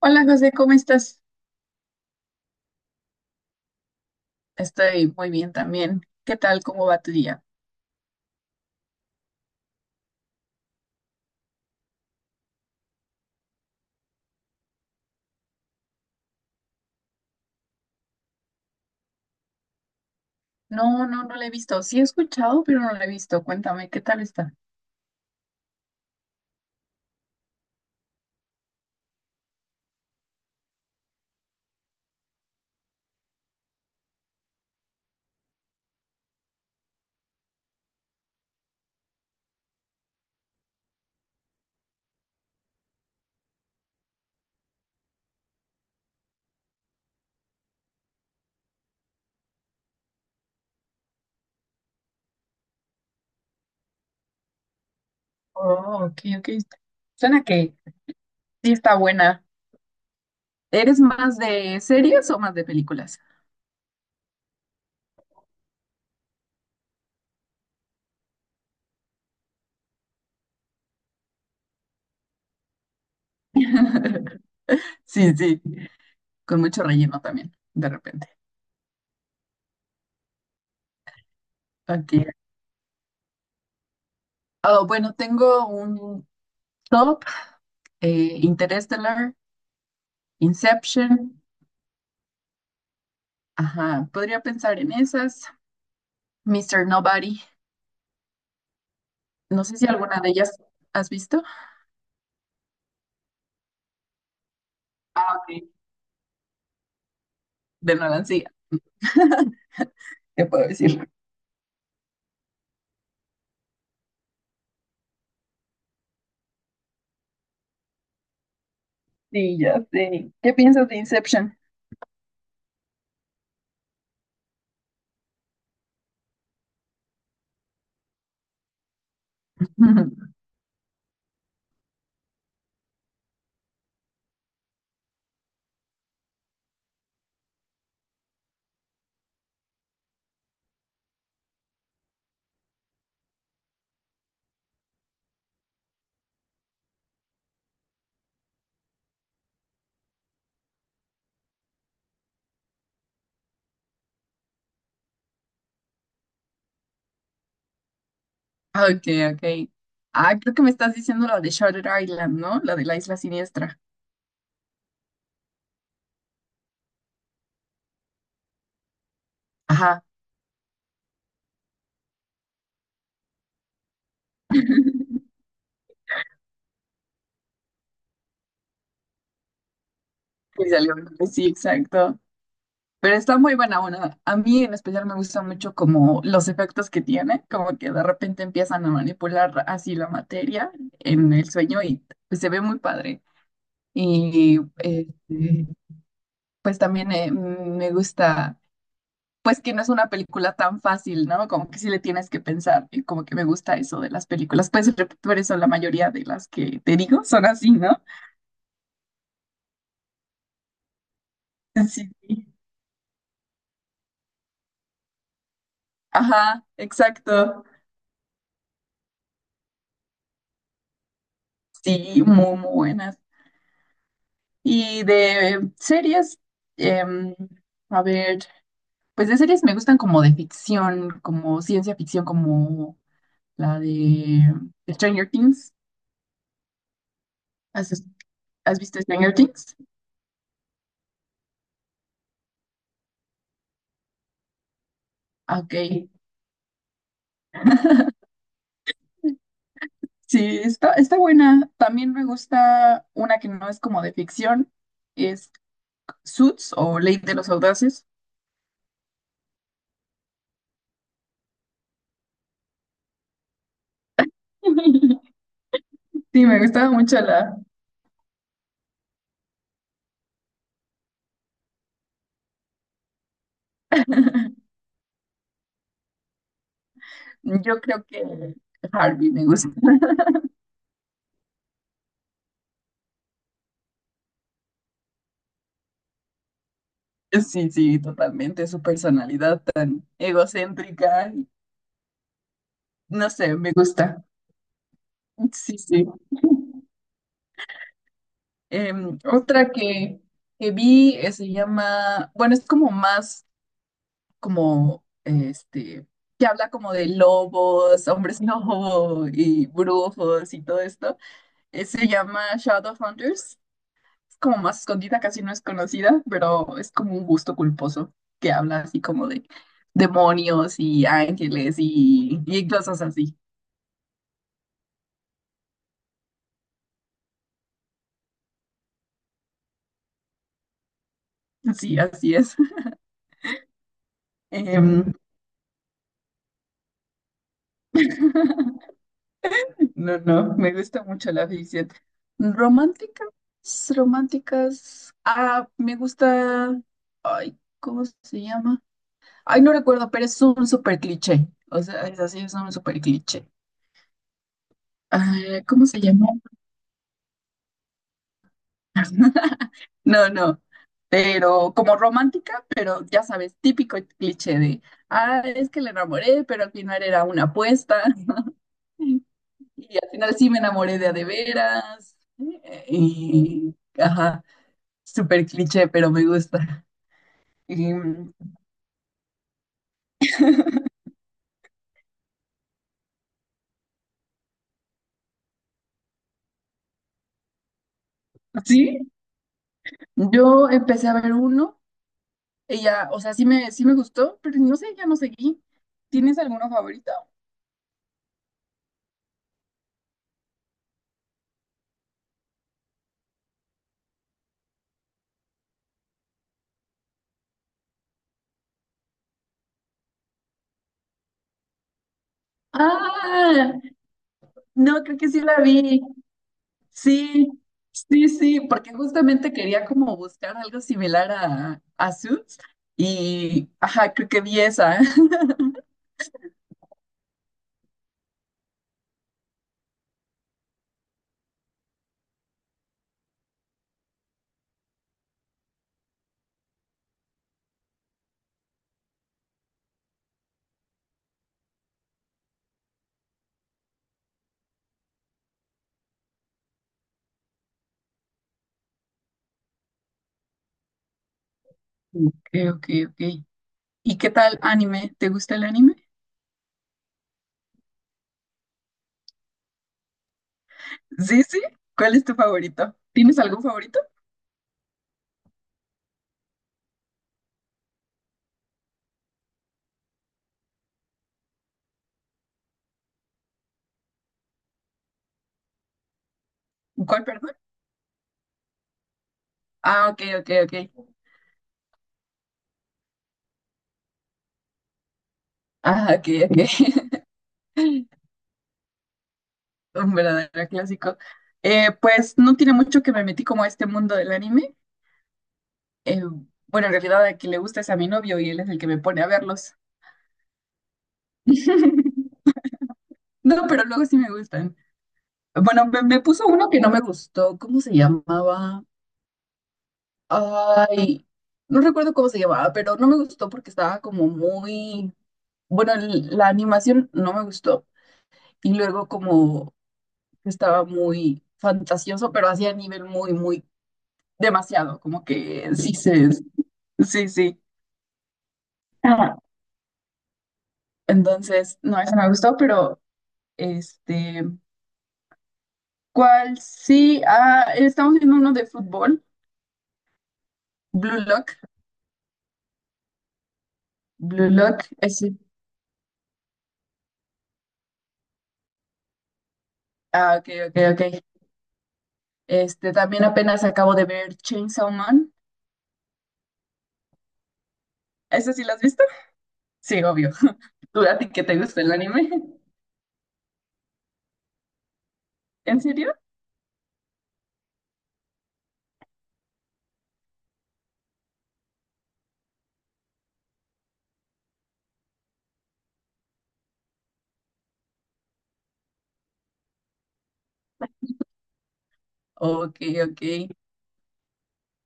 Hola José, ¿cómo estás? Estoy muy bien también. ¿Qué tal? ¿Cómo va tu día? No, no, no la he visto. Sí he escuchado, pero no la he visto. Cuéntame, ¿qué tal está? Oh, ok, ok. Suena que sí está buena. ¿Eres más de series o más de películas? Sí, sí, con mucho relleno también, de repente. Ok. Oh, bueno, tengo un top, Interstellar, Inception. Ajá, podría pensar en esas. Mister Nobody. No sé si alguna de ellas has visto. De Nolan, sí. ¿Qué puedo decir? Sí, ya sé. ¿Qué piensas de Inception? Ok, ok. Ah, creo que me estás diciendo la de Shutter Island, ¿no? La de la isla siniestra. Ajá, que salió. Sí, exacto. Pero está muy buena una. A mí en especial me gusta mucho como los efectos que tiene, como que de repente empiezan a manipular así la materia en el sueño y pues, se ve muy padre. Y este, pues también me gusta pues que no es una película tan fácil, ¿no? Como que sí le tienes que pensar, y como que me gusta eso de las películas. Pues por eso la mayoría de las que te digo son así, ¿no? Sí. Sí. Ajá, exacto. Sí, muy, muy buenas. Y de series, em, a ver, pues de series me gustan como de ficción, como ciencia ficción, como la de Stranger Things. ¿Has, has visto Stranger Things? Ah, ok. Sí, está, está buena. También me gusta una que no es como de ficción, es Suits o Ley de los Audaces. Sí, me gustaba mucho la... Yo creo que Harvey me gusta. Sí, sí, totalmente. Su personalidad tan egocéntrica. No sé, me gusta. Sí, sí. Otra que vi se llama, bueno, es como más como, este, que habla como de lobos, hombres lobo y brujos y todo esto. Se llama Shadowhunters. Es como más escondida, casi no es conocida, pero es como un gusto culposo que habla así como de demonios y ángeles y cosas así. Sí, así es. Em, no, no, me gusta mucho la ficción. Romántica. Románticas. Ah, me gusta. Ay, ¿cómo se llama? Ay, no recuerdo, pero es un super cliché. O sea, es así, es un super cliché. Ah, ¿cómo se llama? No, no. Pero como romántica, pero ya sabes, típico cliché de, ah, es que le enamoré, pero al final era una apuesta. Y al final sí me enamoré de a de veras. Y, ajá, súper cliché, pero me gusta. Y, mm, sí, yo empecé a ver uno. Ella, o sea, sí me gustó, pero no sé, ya no seguí. ¿Tienes alguno favorito? Ah, no, creo que sí la vi. Sí, sí, sí, porque justamente quería como buscar algo similar a Suits y, ajá, creo que vi esa. Ok, ok, ok. ¿Y qué tal anime? ¿Te gusta el anime? Sí, sí. ¿Cuál es tu favorito? ¿Tienes algún favorito? ¿Cuál, perdón? Ah, ok, ok, ok. Ah, ok, ok. Un verdadero clásico. Pues no tiene mucho que me metí como a este mundo del anime. Eh, bueno, en realidad a quien le gusta es a mi novio y él es el que me pone a verlos. No, pero luego sí me gustan. Bueno, me puso uno que no me gustó. ¿Cómo se llamaba? Ay, no recuerdo cómo se llamaba, pero no me gustó porque estaba como muy... Bueno, la animación no me gustó. Y luego como que estaba muy fantasioso, pero hacía nivel muy, muy demasiado. Como que sí se... Sí, sí. Ah. Entonces, no, eso me gustó, pero este... ¿Cuál? Sí, ah, estamos viendo uno de fútbol, Blue Lock, Blue Lock, ese, ah, ok, ok, ok. Este, también apenas acabo de ver Chainsaw Man, ¿ese sí lo has visto? Sí, obvio. ¿Tú a ti que te gusta el anime? ¿En serio? Ok, ok,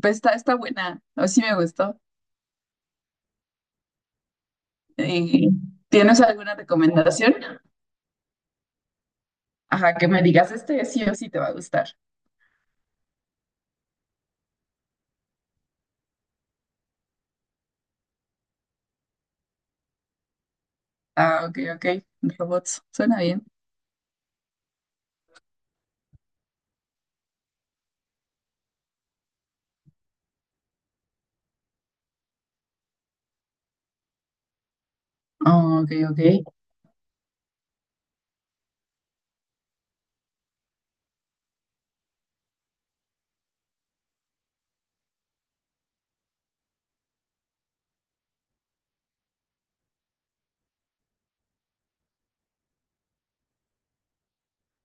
pues está, está buena, o sí me gustó. Eh, ¿Tienes alguna recomendación? Ajá, que me digas, este sí o sí te va a gustar. Ah, ok, ok, robots, suena bien. Ah, ok, ok.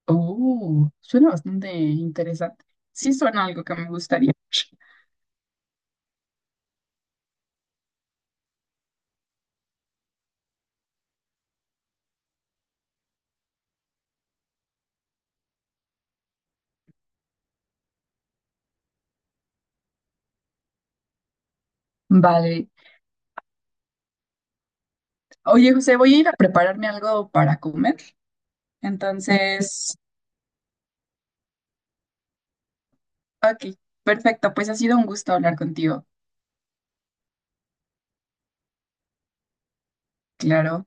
Oh, suena bastante interesante. Sí, suena algo que me gustaría. Vale. Oye, José, voy a ir a prepararme algo para comer. Entonces, ok, perfecto. Pues ha sido un gusto hablar contigo. Claro.